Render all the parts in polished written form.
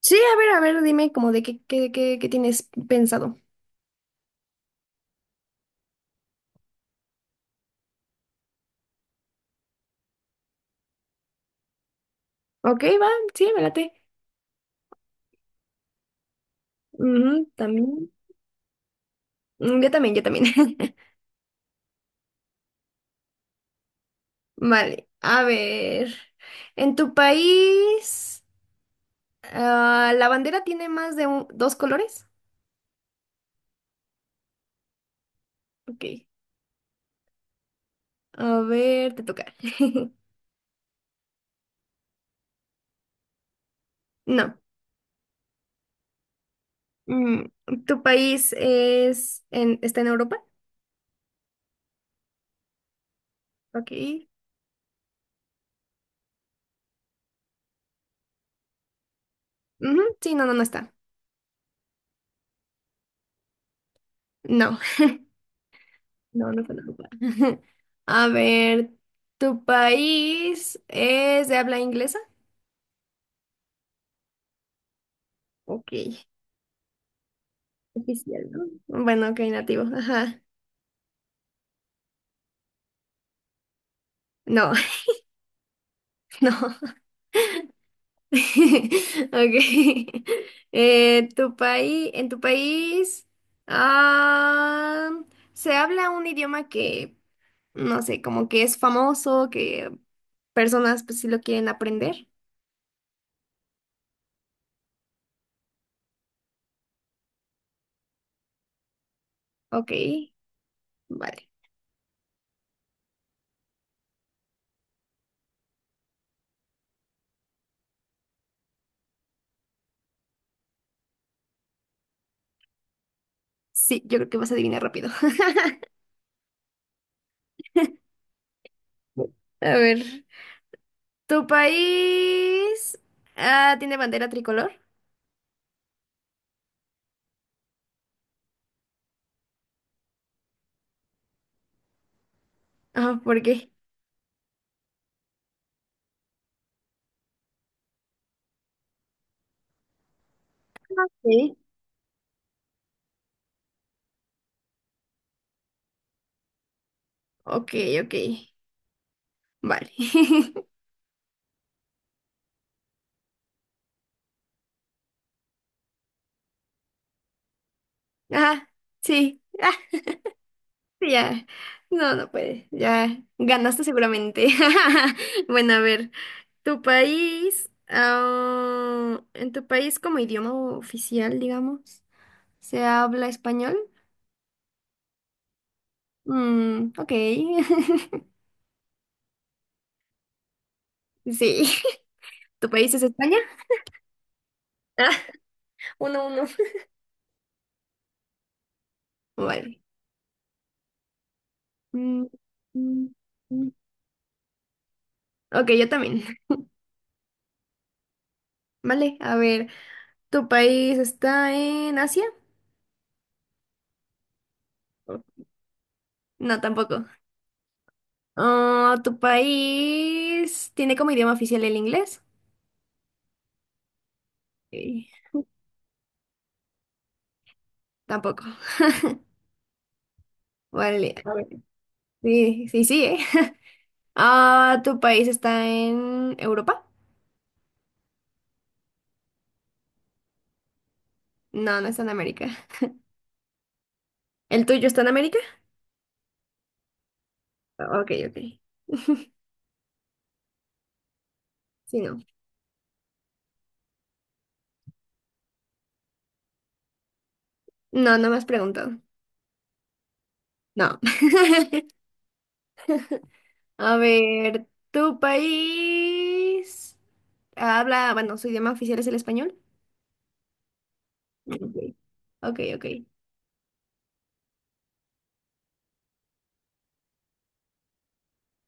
Sí, a ver, dime como de qué tienes pensado. Ok, va, sí, me late. Ujú, también. Mm, yo también, yo también. Vale, a ver. ¿En tu país la bandera tiene más de dos colores? Ok, a ver, te toca. No. Mm, ¿tu país está en Europa? Ok. Ujú, sí, no está. No. No, no conozco. A ver, ¿tu país es de habla inglesa? Ok, oficial, ¿no? Bueno, ok, nativo, ajá. No, no. Ok. ¿Tu país, en tu país, ah, se habla un idioma que, no sé, como que es famoso, que personas pues sí lo quieren aprender? Ok, vale. Sí, yo creo que vas a adivinar rápido. A ver. ¿Tu país tiene bandera tricolor? Ah, ¿por qué? Sí. Ok, ok. Vale. Ah, sí. Ah, sí, ya. No, no puede. Ya ganaste seguramente. Bueno, a ver. ¿Tu país, en tu país como idioma oficial, digamos, se habla español? Mm, ok. Sí. ¿Tu país es España? Ah, uno, uno. Vale. Mm, mm, mm. Ok, yo también. Vale, a ver, ¿tu país está en Asia? Oh, no, tampoco. Ah, ¿tu país tiene como idioma oficial el inglés? Sí, tampoco. Vale, a ver. Sí, sí, sí, ¿eh? Ah, ¿tu país está en Europa? No, no está en América. ¿El tuyo está en América? Ok, ok. Sí, no. No, no me has preguntado. No. A ver, ¿tu país habla, bueno, su idioma oficial es el español? Ok, ok, ok.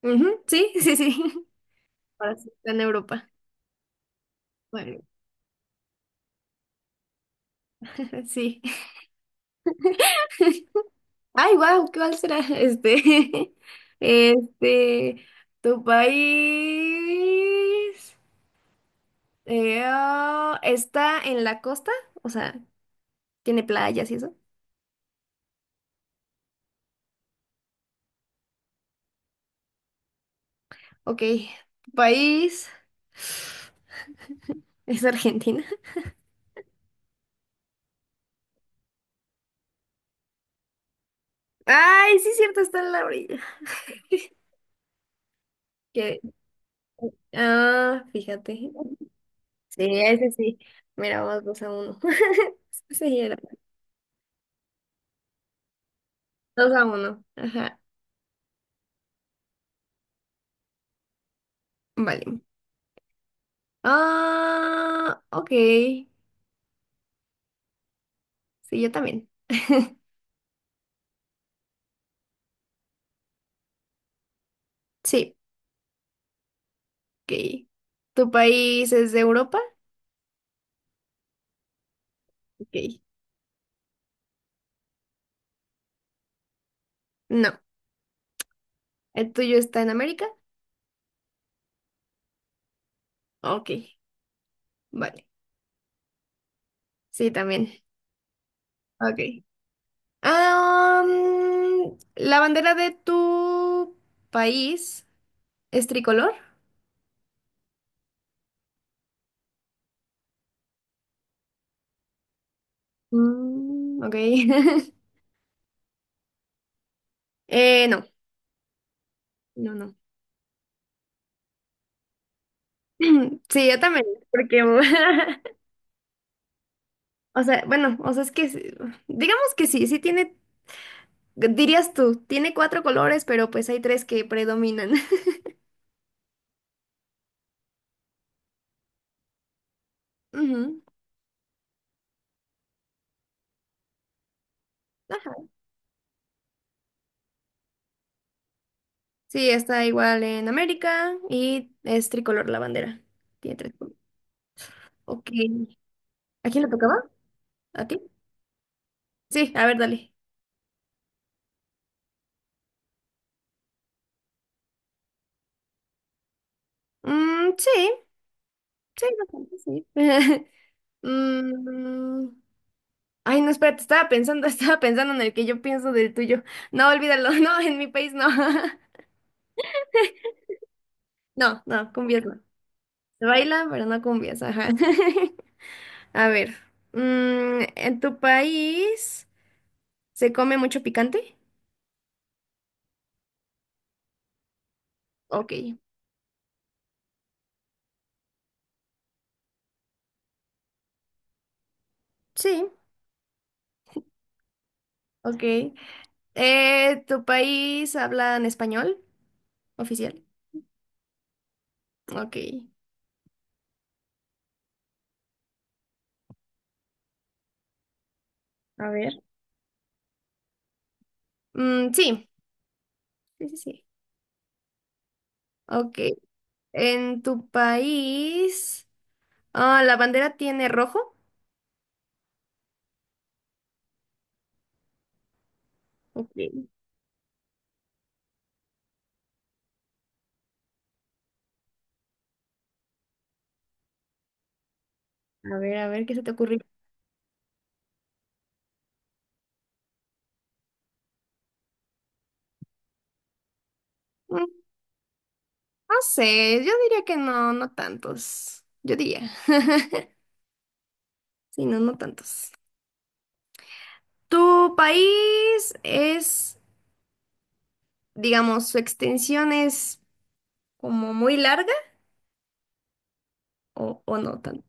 Ujú, sí, sí, sí. Ahora sí, está en Europa. Bueno, sí. Ay, wow, ¿cuál será? Este, este, tu país está en la costa, o sea, tiene playas y eso. Ok, tu país es Argentina. Ay, sí, es cierto, está en la orilla. Que, fíjate. Sí, ese sí. Mira, vamos dos a uno. Sí, era dos a uno. Ajá. Vale. Ah, ok. Sí, yo también. Sí, ok. ¿Tu país es de Europa? Ok. No. ¿El tuyo está en América? Ok. Vale. Sí, también. Ok. Ah, mm, ¿la bandera de tu país es tricolor? Mm, ok. No. No, no. Sí, yo también, porque, o sea, bueno, o sea, es que, sí, digamos que sí, sí tiene, dirías tú, tiene cuatro colores, pero pues hay tres que predominan. Ujú, ajá. Sí, está igual en América y es tricolor la bandera. Tiene tres colores. Ok. ¿A quién le tocaba? ¿A ti? Sí, a ver, dale. Mm, sí, sí, bastante, sí. Mm, ay, no, espérate, estaba pensando, estaba pensando en el que yo pienso del tuyo. No, olvídalo, no, en mi país no. No, no, cumbias no. Se baila, pero no cumbias, ajá. A ver, mm, ¿en tu país se come mucho picante? Ok, sí, ok. ¿Tu país habla en español oficial? Ok, a ver. Mm, sí, sí, sí, sí. Ok, ¿en tu país la bandera tiene rojo? Ok, a ver, ¿qué se te ocurrió? Mm, no sé, yo diría que no, no tantos. Yo diría. Sí, no, no tantos. ¿Tu país es, digamos, su extensión es como muy larga o no tanto?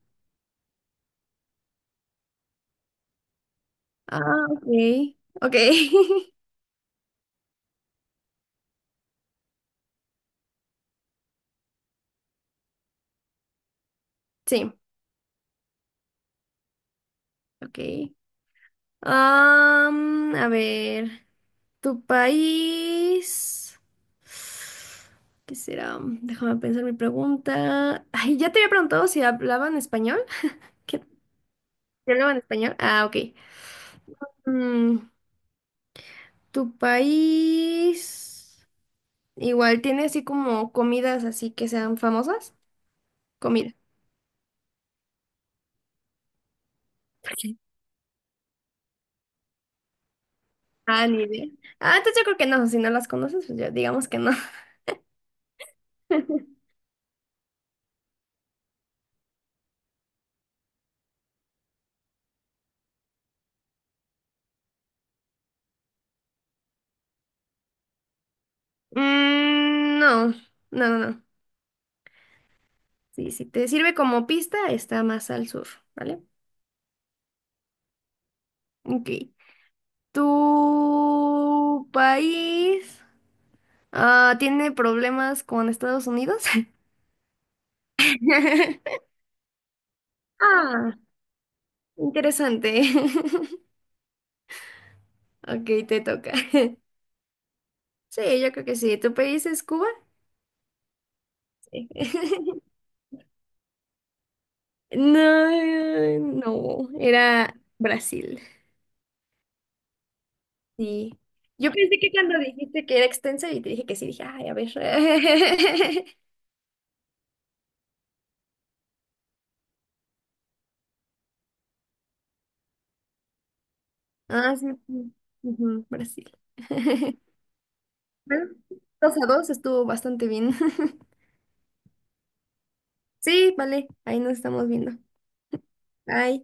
Ah, ok. Ok. Sí, ok. Am, a ver, tu país. ¿Qué será? Déjame pensar mi pregunta. Ay, ya te había preguntado si hablaban español. ¿Qué? ¿Sí hablaban español? Ah, ok. Mm, tu país. Igual, ¿tiene así como comidas así que sean famosas? Comida. Ah, ni idea. Ah, entonces yo creo que no, si no las conoces, pues ya digamos que no. Mm, no. Sí, si te sirve como pista, está más al sur, ¿vale? Ok. ¿Tu país tiene problemas con Estados Unidos? Ah, interesante. Ok, te toca. Sí, yo creo que sí. ¿Tu país es Cuba? Sí. No, no, era Brasil. Sí. Yo pensé que cuando dijiste que era extensa y te dije que sí, dije, ay, a ver. Ah, sí, sí. Ujú, Brasil. Bueno, dos a dos estuvo bastante bien. Sí, vale, ahí nos estamos viendo. Bye.